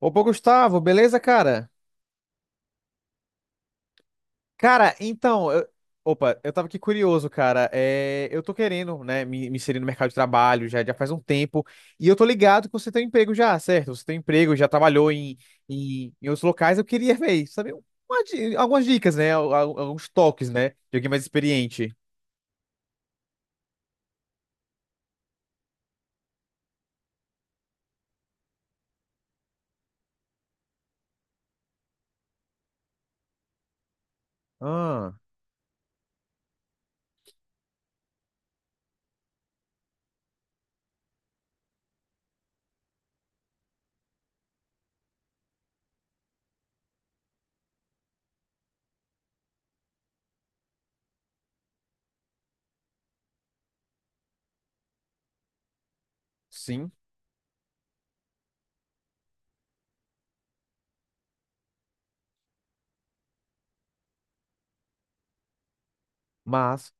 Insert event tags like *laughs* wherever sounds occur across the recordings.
Opa, Gustavo, beleza, cara? Cara, então, eu tava aqui curioso, cara. É, eu tô querendo, né, me inserir no mercado de trabalho já, já faz um tempo. E eu tô ligado que você tem um emprego já, certo? Você tem um emprego, já trabalhou em outros locais. Eu queria ver, saber algumas dicas, né? Alguns toques, né? De alguém mais experiente. Ah, sim, mas,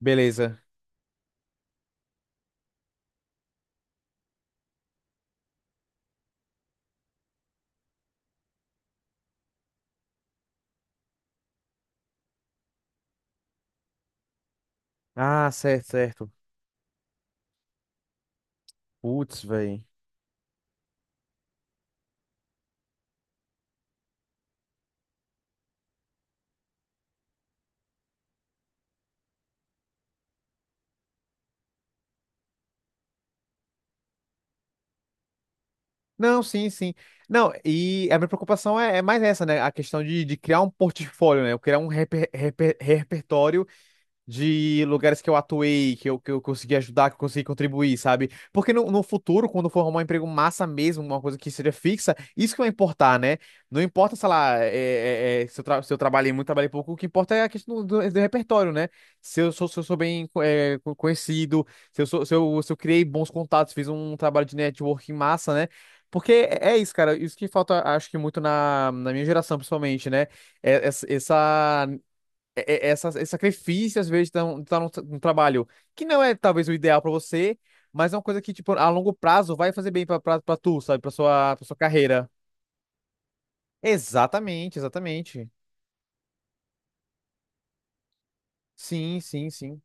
beleza. Ah, certo, certo. Putz, velho. Não, sim, sim. Não, e a minha preocupação é, é mais essa, né? A questão de criar um portfólio, né? Eu criar um repertório de lugares que eu atuei, que eu consegui ajudar, que eu consegui contribuir, sabe? Porque no futuro, quando for arrumar um emprego massa mesmo, uma coisa que seja fixa, isso que vai importar, né? Não importa, sei lá, se eu, tra se eu trabalhei muito, trabalhei pouco, o que importa é a questão do, do repertório, né? Se eu sou, se eu sou bem é, conhecido, se eu, sou, se eu, se eu criei bons contatos, fiz um trabalho de networking massa, né? Porque é isso, cara, isso que falta, acho que muito na, na minha geração, principalmente, né? Essa esse sacrifício, às vezes, de tá, um trabalho que não é talvez o ideal pra você, mas é uma coisa que, tipo, a longo prazo vai fazer bem pra tu, sabe? Pra sua carreira. Exatamente, exatamente. Sim, sim, sim.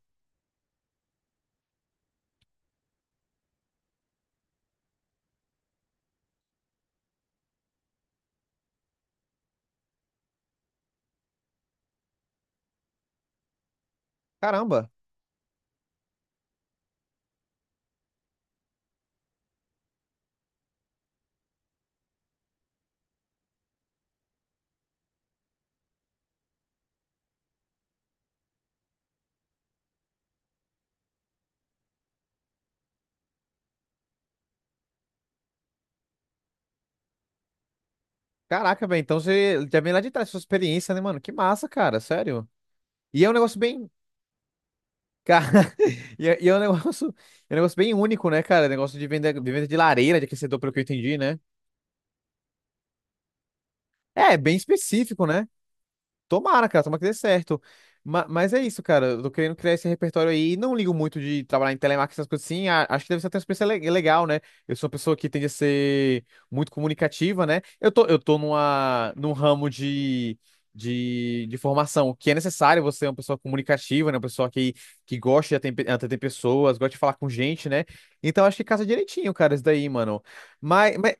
Caramba. Caraca, velho. Então você já vem lá de trás, sua experiência, né, mano? Que massa, cara. Sério. E é um negócio bem. Cara, *laughs* e é um negócio bem único, né, cara? Negócio de venda, de venda de lareira, de aquecedor, pelo que eu entendi, né? É, bem específico, né? Tomara, cara, tomara que dê certo. Mas é isso, cara. Eu tô querendo criar esse repertório aí. E não ligo muito de trabalhar em telemarketing, essas coisas assim. Acho que deve ser até uma experiência legal, né? Eu sou uma pessoa que tende a ser muito comunicativa, né? Eu tô num ramo de formação que é necessário você ser uma pessoa comunicativa, né? Uma pessoa que gosta de atender pessoas, gosta de falar com gente, né? Então acho que casa direitinho, cara, isso daí, mano. Mas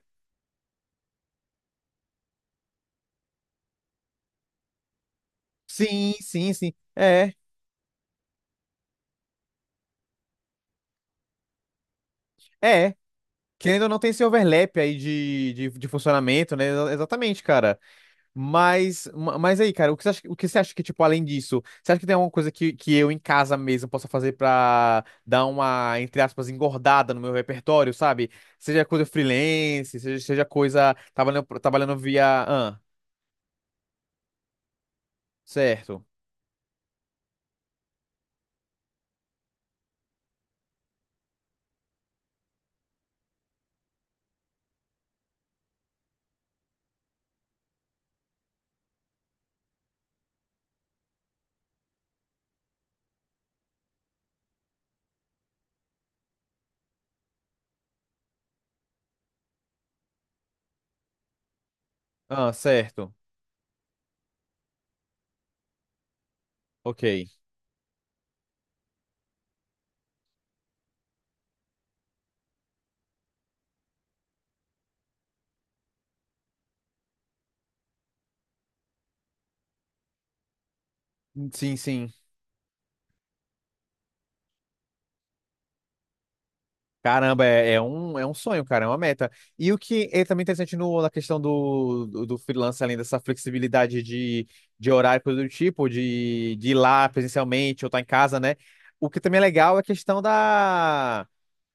sim, sim, sim. É. É, querendo ou não, tem esse overlap aí de funcionamento, né? Exatamente, cara. Mas, mas aí, cara, o que você acha, o que você acha que, tipo, além disso, você acha que tem alguma coisa que eu em casa mesmo possa fazer pra dar uma, entre aspas, engordada no meu repertório, sabe? Seja coisa freelance, seja coisa trabalhando, trabalhando via. Ah, certo. Ah, certo. Ok. Sim, sim. Caramba, é um sonho, cara, é uma meta. E o que é também interessante no, na questão do freelance, além dessa flexibilidade de horário, coisa do tipo, de ir lá presencialmente ou estar em casa, né? O que também é legal é a questão da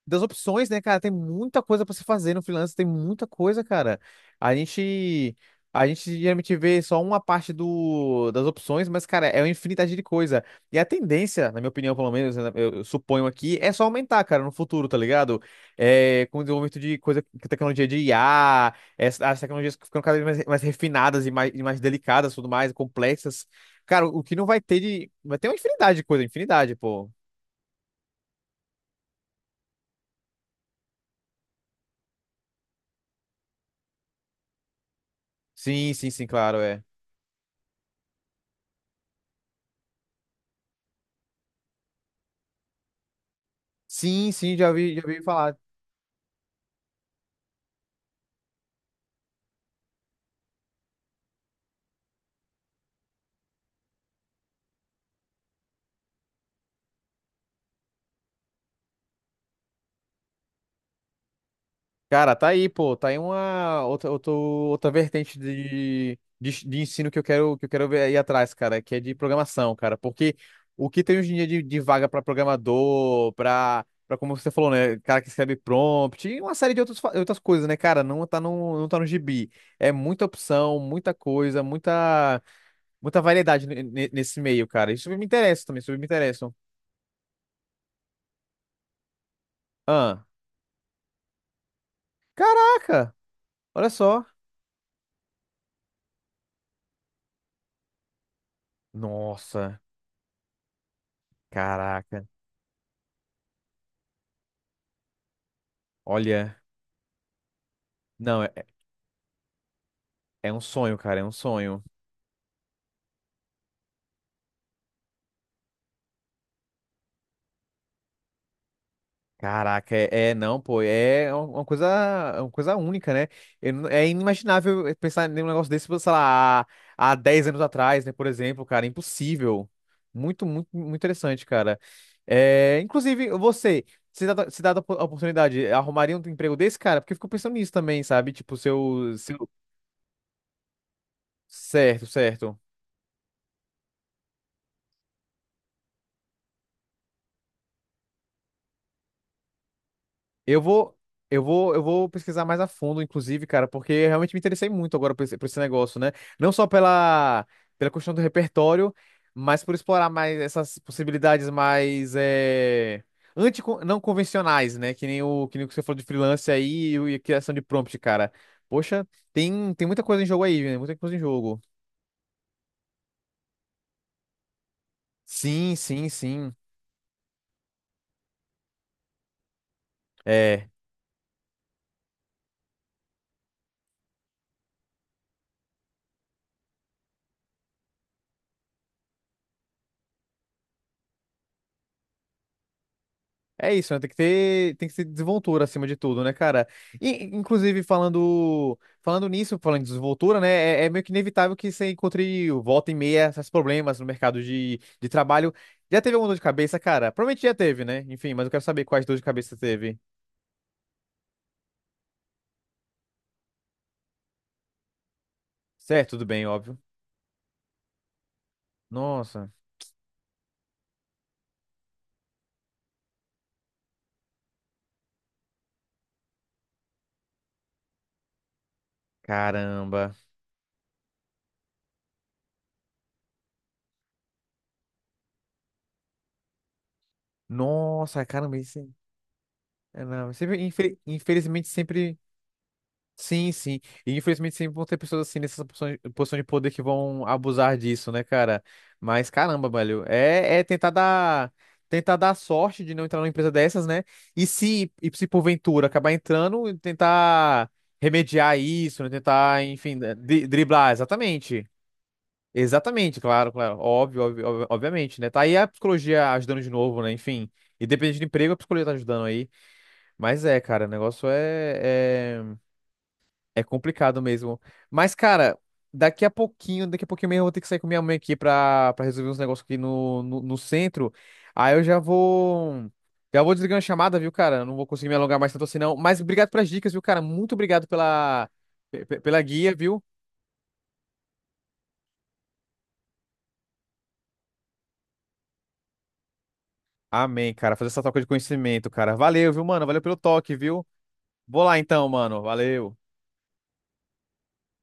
das opções, né, cara? Tem muita coisa pra se fazer no freelance, tem muita coisa, cara. A gente a gente geralmente vê só uma parte do, das opções, mas, cara, é uma infinidade de coisa. E a tendência, na minha opinião, pelo menos, né, eu suponho aqui, é só aumentar, cara, no futuro, tá ligado? É, com o desenvolvimento de coisa, tecnologia de IA, essa as tecnologias que ficam cada vez mais, mais refinadas e mais delicadas, tudo mais, complexas. Cara, o que não vai ter de. Vai ter uma infinidade de coisa, infinidade, pô. Sim, sim, sim, claro, é. Sim, sim, já vi falar. Cara, tá aí, pô, tá aí uma outra, outra vertente de ensino que eu quero ver aí atrás, cara, que é de programação, cara, porque o que tem hoje em dia de vaga pra programador, pra para como você falou, né, cara que escreve prompt, e uma série de outras, outras coisas, né, cara, não tá no, não tá no gibi. É muita opção, muita coisa, muita, muita variedade nesse meio, cara. Isso me interessa também, isso me interessa. Ah, caraca, olha só. Nossa. Caraca. Olha, não, é um sonho, cara, é um sonho. Caraca, não, pô, é uma coisa, é uma coisa única, né? Eu não- é inimaginável é, pensar em um negócio desse, sei lá, há 10 anos atrás, né, por exemplo, cara, impossível. Muito, muito, muito interessante, cara. É, inclusive, você, se dá a oportunidade, arrumaria um emprego desse, cara? Porque eu fico pensando nisso também, sabe? Tipo, seu, seu... Certo, certo. Eu vou, eu vou pesquisar mais a fundo, inclusive, cara, porque eu realmente me interessei muito agora por esse negócio, né? Não só pela, pela questão do repertório, mas por explorar mais essas possibilidades mais é, anti, não convencionais, né? Que nem o que nem o que você falou de freelance aí e a criação de prompt, cara. Poxa, tem, tem muita coisa em jogo aí, né? Muita coisa em jogo. Sim, sim, sim. É. É isso, né? Tem que ter desenvoltura acima de tudo, né, cara? E, inclusive, falando nisso, falando de desenvoltura, né? É, é meio que inevitável que você encontre volta e meia esses problemas no mercado de trabalho. Já teve alguma dor de cabeça, cara? Provavelmente já teve, né? Enfim, mas eu quero saber quais dor de cabeça teve. Certo, tudo bem, óbvio. Nossa, caramba. Nossa, caramba, isso. Não, sempre, infelizmente, sempre. Sim, sim. E infelizmente sempre vão ter pessoas assim nessa posição de poder que vão abusar disso, né, cara? Mas caramba, velho, é, tentar dar sorte de não entrar numa empresa dessas, né? E se porventura acabar entrando, tentar remediar isso, né? Tentar, enfim, né, driblar, exatamente. Exatamente, claro, claro. Obviamente, né? Tá aí a psicologia ajudando de novo, né? Enfim, independente do emprego, a psicologia tá ajudando aí. Mas é, cara, o negócio é é complicado mesmo. Mas, cara, daqui a pouquinho mesmo eu vou ter que sair com minha mãe aqui pra, pra resolver uns negócios aqui no, no, no centro. Aí eu já vou. Já vou desligar a chamada, viu, cara? Eu não vou conseguir me alongar mais tanto assim, não. Mas obrigado pelas dicas, viu, cara? Muito obrigado pela, pela guia, viu? Amém, cara. Fazer essa troca de conhecimento, cara. Valeu, viu, mano? Valeu pelo toque, viu? Vou lá então, mano. Valeu.